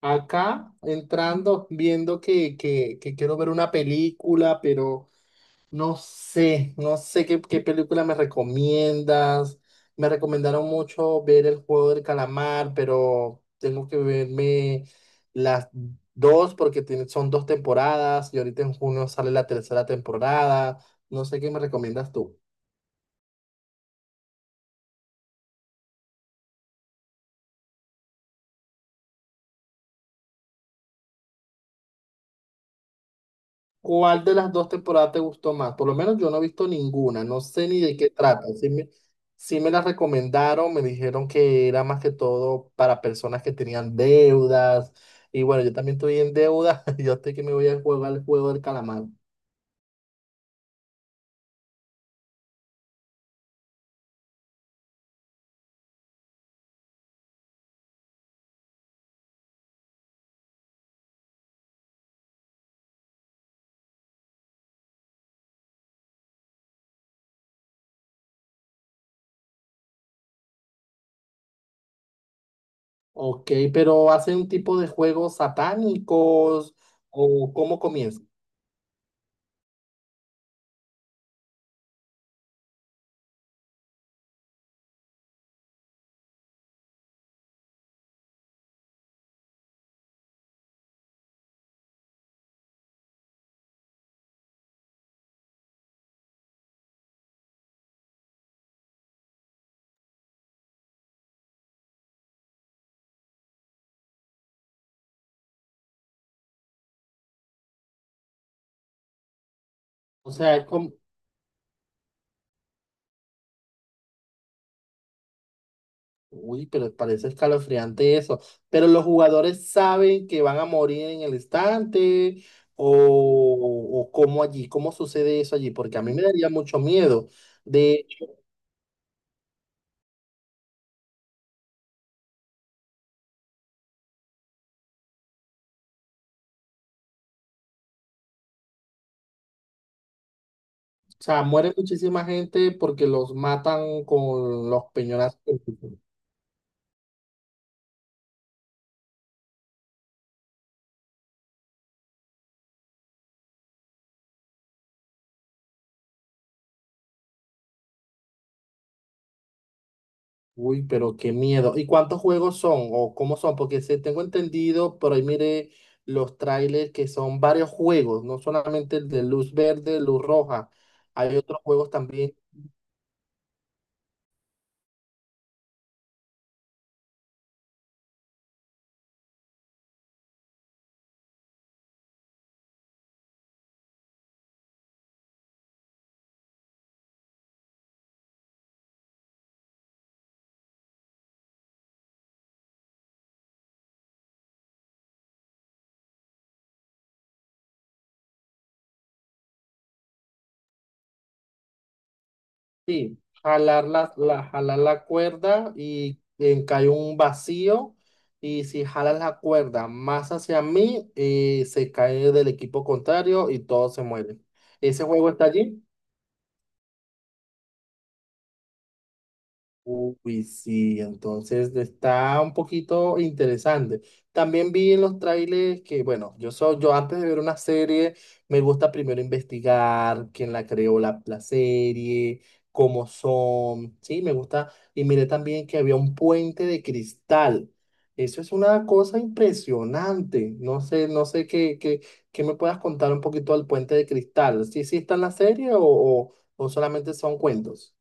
Acá entrando, viendo que quiero ver una película, pero no sé qué película me recomiendas. Me recomendaron mucho ver El Juego del Calamar, pero tengo que verme las dos porque son dos temporadas y ahorita en junio sale la tercera temporada. No sé qué me recomiendas tú. ¿Cuál de las dos temporadas te gustó más? Por lo menos yo no he visto ninguna, no sé ni de qué trata. Sí me la recomendaron, me dijeron que era más que todo para personas que tenían deudas. Y bueno, yo también estoy en deuda, yo estoy que me voy a jugar el juego del calamar. Ok, pero ¿hacen un tipo de juegos satánicos o cómo comienza? O sea, es como- Uy, pero parece escalofriante eso. Pero los jugadores saben que van a morir en el instante o cómo allí, cómo sucede eso allí, porque a mí me daría mucho miedo. De, o sea, muere muchísima gente porque los matan con los peñonazos. Uy, pero qué miedo. ¿Y cuántos juegos son o cómo son? Porque se tengo entendido, por ahí mire los trailers que son varios juegos, no solamente el de luz verde, luz roja. Hay otros juegos también. Sí, jalar la cuerda y cae un vacío. Y si jalas la cuerda más hacia mí, se cae del equipo contrario y todos se mueren. ¿Ese juego está allí? Uy, sí, entonces está un poquito interesante. También vi en los trailers que, bueno, yo antes de ver una serie, me gusta primero investigar quién la creó la serie, cómo son, sí, me gusta. Y miré también que había un puente de cristal. Eso es una cosa impresionante. No sé qué me puedas contar un poquito del puente de cristal. ¿Sí, sí está en la serie o o solamente son cuentos?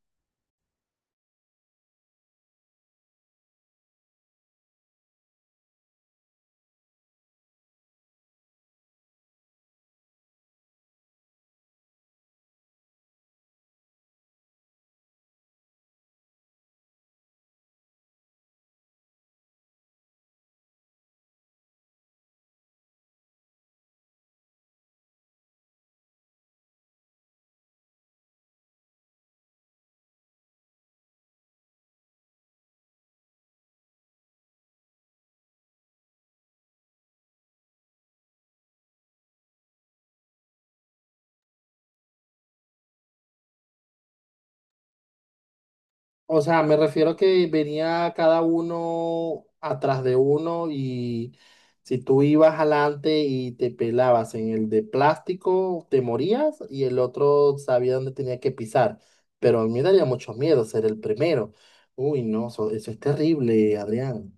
O sea, me refiero a que venía cada uno atrás de uno y si tú ibas adelante y te pelabas en el de plástico, te morías y el otro sabía dónde tenía que pisar. Pero a mí me daría mucho miedo ser el primero. Uy, no, eso es terrible, Adrián.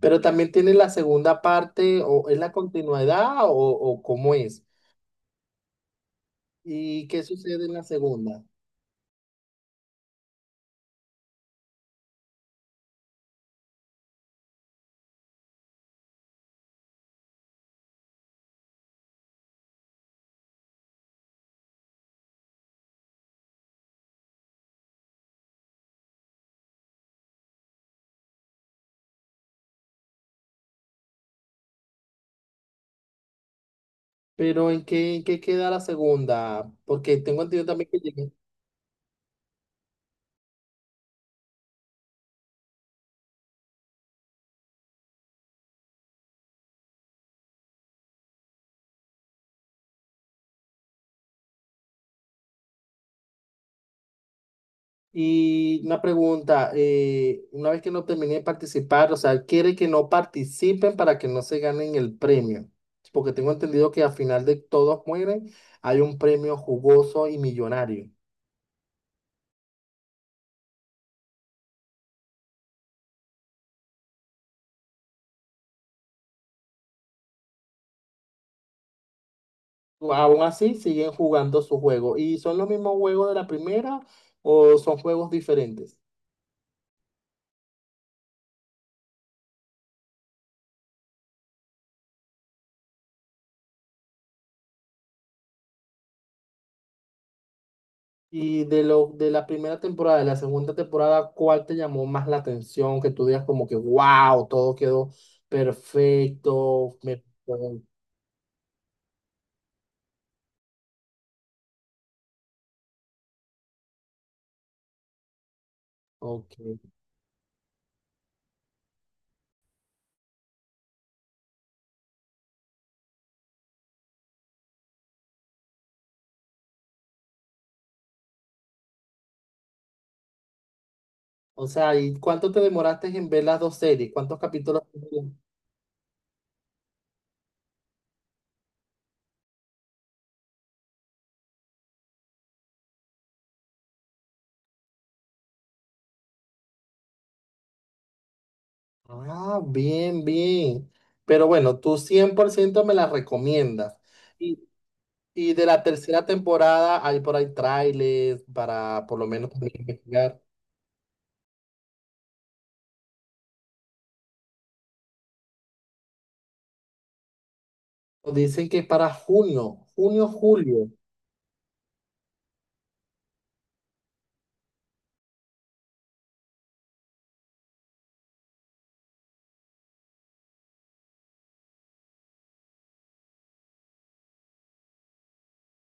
Pero también tiene la segunda parte, o es la continuidad o cómo es. ¿Y qué sucede en la segunda? Pero en qué queda la segunda? Porque tengo entendido también que llegaste. Y una pregunta, una vez que no terminen de participar, o sea, quiere que no participen para que no se ganen el premio, porque tengo entendido que al final de todos mueren, hay un premio jugoso y millonario. Aún así, siguen jugando su juego. ¿Y son los mismos juegos de la primera o son juegos diferentes? Y de la primera temporada, de la segunda temporada, ¿cuál te llamó más la atención? Que tú digas como que, wow, todo quedó perfecto. Me... Ok. O sea, ¿y cuánto te demoraste en ver las dos series? ¿Cuántos capítulos tuvieron? Ah, bien, bien. Pero bueno, tú 100% me las recomiendas. Y, y de la tercera temporada hay por ahí trailers para por lo menos también investigar. Dicen que para junio, junio, julio.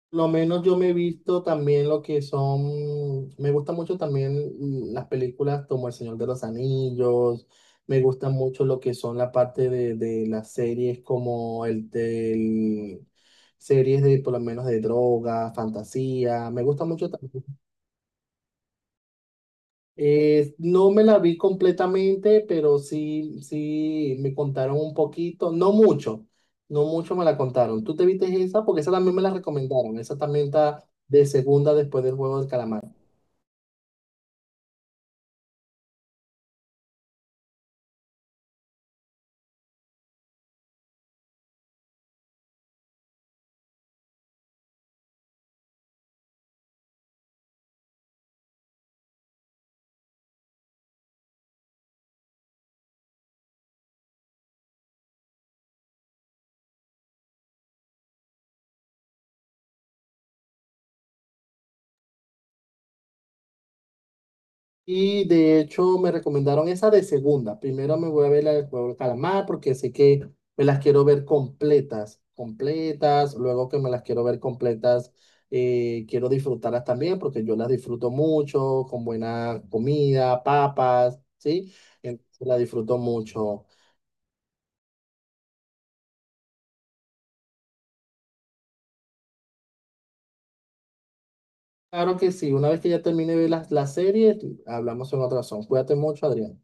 Lo menos yo me he visto también lo que son, me gustan mucho también las películas como El Señor de los Anillos, me gusta mucho lo que son la parte de las series como el del, series de por lo menos de droga, fantasía, me gusta mucho también. Eh, no me la vi completamente, pero sí, sí me contaron un poquito, no mucho, no mucho me la contaron. ¿Tú te viste esa? Porque esa también me la recomendaron. Esa también está de segunda después del juego del calamar. Y de hecho me recomendaron esa de segunda. Primero me voy a ver la del juego del calamar porque sé que me las quiero ver completas, completas. Luego que me las quiero ver completas, quiero disfrutarlas también porque yo las disfruto mucho, con buena comida, papas, ¿sí? Entonces las disfruto mucho. Claro que sí, una vez que ya termine de ver las series, hablamos en otra razón. Cuídate mucho, Adrián.